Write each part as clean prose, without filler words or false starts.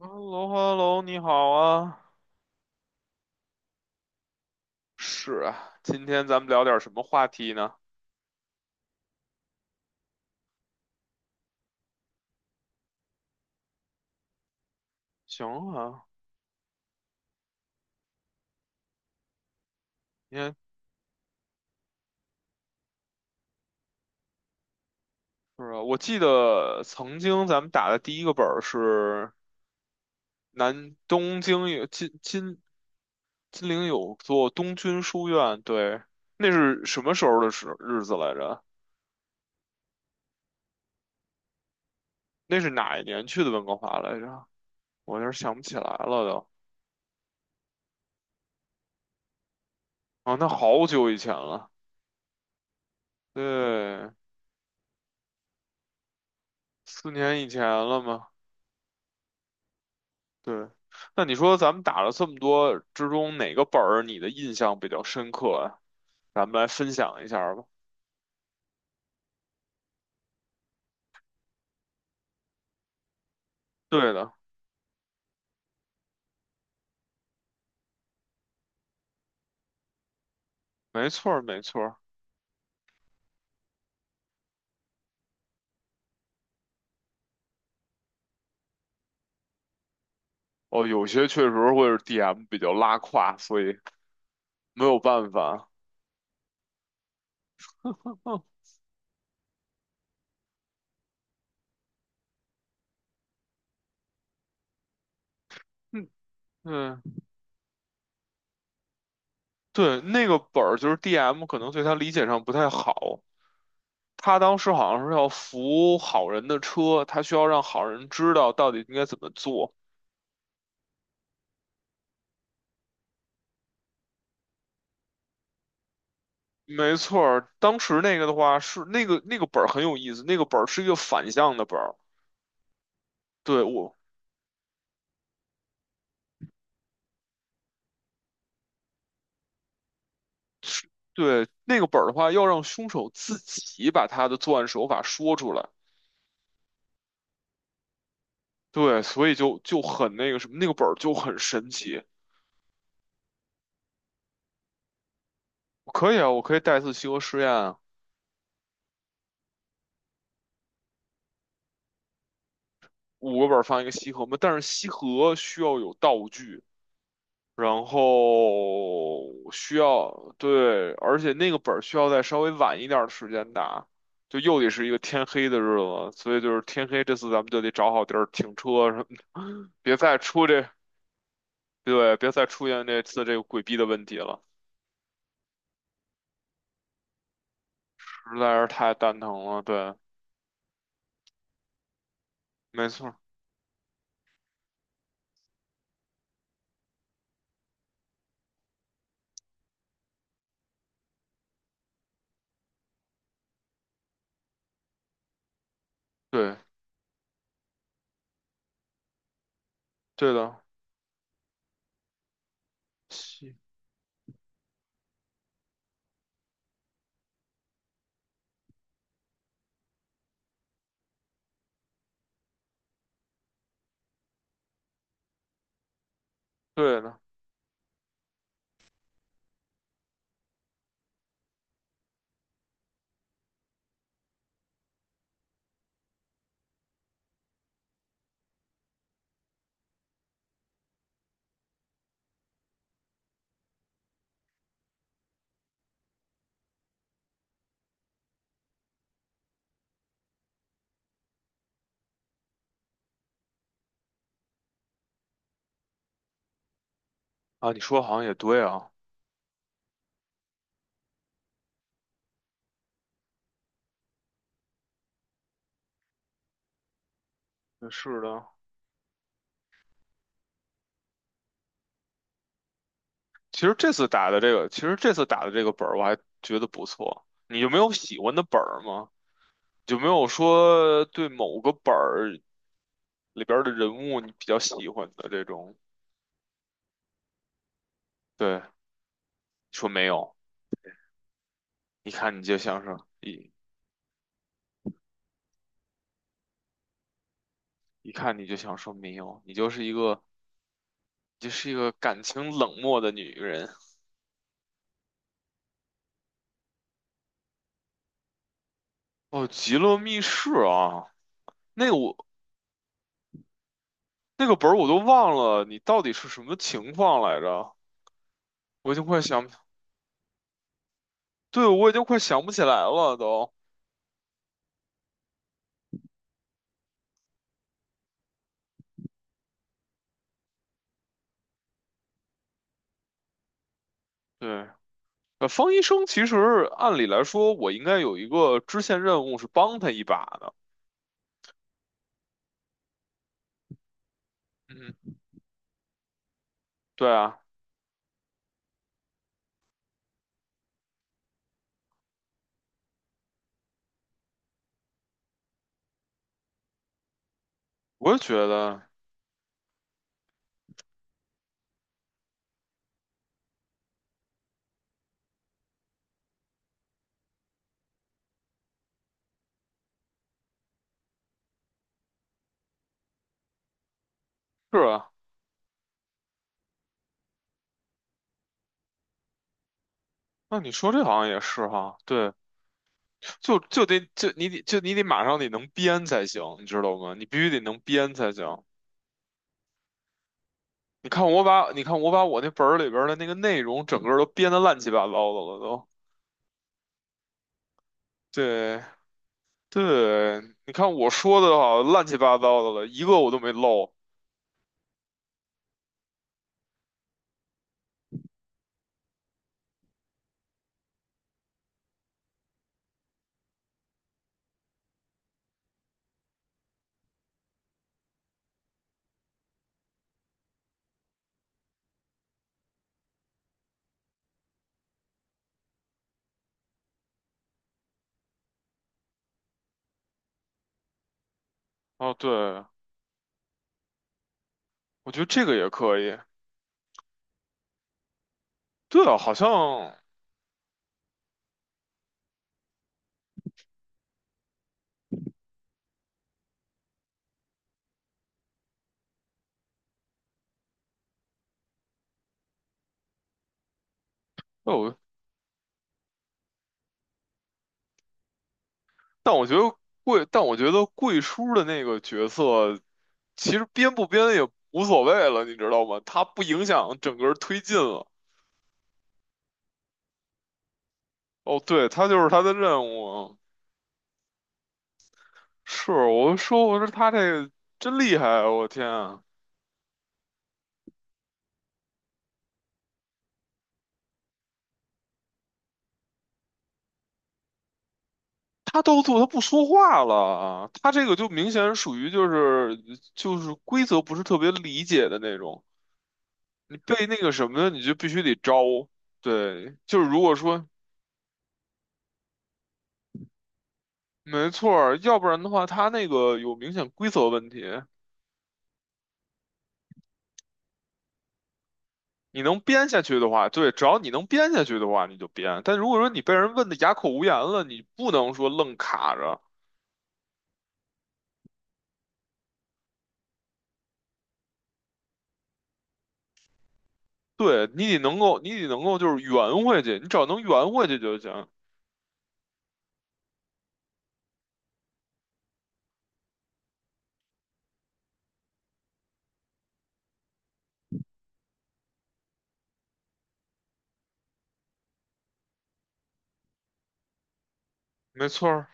h e l l o h e l l o 你好啊。是啊，今天咱们聊点什么话题呢？行啊，因为是啊，我记得曾经咱们打的第一个本儿是南东京有金陵有座东军书院，对，那是什么时候的时日子来着？那是哪一年去的温哥华来着？我有点想不起来了都。啊，那好久以前了，对，四年以前了嘛。对，那你说咱们打了这么多之中，哪个本儿你的印象比较深刻啊？咱们来分享一下儿吧。对的，没错儿，没错儿。哦，有些确实会是 DM 比较拉胯，所以没有办法。嗯嗯，嗯，对，那个本儿就是 DM 可能对他理解上不太好。他当时好像是要扶好人的车，他需要让好人知道到底应该怎么做。没错儿，当时那个的话是那个本儿很有意思，那个本儿是一个反向的本儿。对我对那个本儿的话，要让凶手自己把他的作案手法说出来。对，所以就很那个什么，那个本儿就很神奇。可以啊，我可以带一次西河实验啊，五个本儿放一个西河嘛，但是西河需要有道具。然后需要，对，而且那个本儿需要在稍微晚一点儿的时间打，就又得是一个天黑的日子，所以就是天黑这次咱们就得找好地儿停车什么的别再出这，对，别再出现这次这个鬼逼的问题了，实在是太蛋疼了，对，没错儿对，对的，西对的，啊，你说好像也对啊，是的，其实这次打的这个本儿我还觉得不错，你就没有喜欢的本儿吗？有没有说对某个本儿里边儿的人物你比较喜欢的这种？对，说没有，一看你就想说一一看你就想说没有，你就是一个感情冷漠的女人。哦，《极乐密室》啊，那个我那个本儿我都忘了，你到底是什么情况来着？我已经快想，对，我已经快想不起来了都。对，呃，方医生其实按理来说，我应该有一个支线任务是帮他一把的。嗯。对啊，我也觉得是啊。那你说这好像也是哈，对，就就得就你得就你得马上得能编才行，你知道吗？你必须得能编才行。你看我把我那本儿里边儿的那个内容整个儿都编得乱七八糟的了都。对对，你看我说的好乱七八糟的了，一个我都没漏。哦，对，我觉得这个也可以。对啊，好像哦，但我觉得但我觉得贵叔的那个角色。其实编不编也无所谓了，你知道吗？它不影响整个推进了。哦，对，他就是他的任务。是，我说他这个真厉害啊，我天啊，他都做，他不说话了，啊！他这个就明显属于就是规则不是特别理解的那种，你被那个什么，你就必须得招。对，就是如果说没错儿，要不然的话，他那个有明显规则问题。你能编下去的话，对，只要你能编下去的话，你就编。但如果说你被人问的哑口无言了，你不能说愣卡着，对，你得能够就是圆回去，你只要能圆回去就行。没错儿，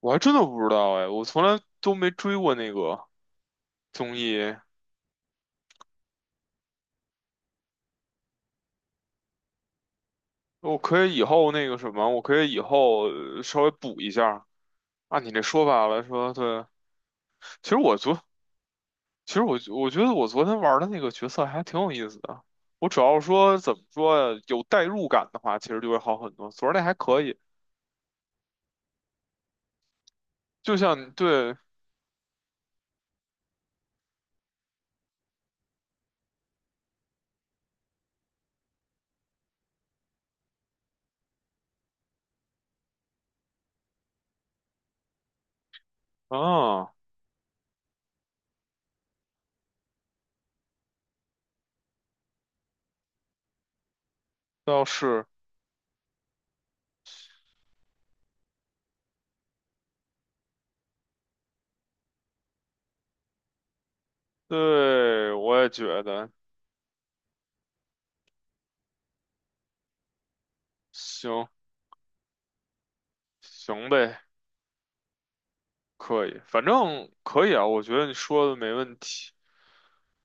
我还真的不知道哎，我从来都没追过那个综艺。我可以以后那个什么，我可以以后稍微补一下。按你这说法来说，对，其实我昨其实我觉得我昨天玩的那个角色还挺有意思的。我主要说怎么说呀，有代入感的话，其实就会好很多。昨儿那还可以，就像对，啊，倒是对，我也觉得行行呗，可以，反正可以啊。我觉得你说的没问题。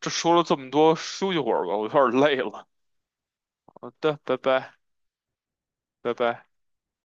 这说了这么多，休息会儿吧，我有点儿累了。好的，拜拜，拜拜。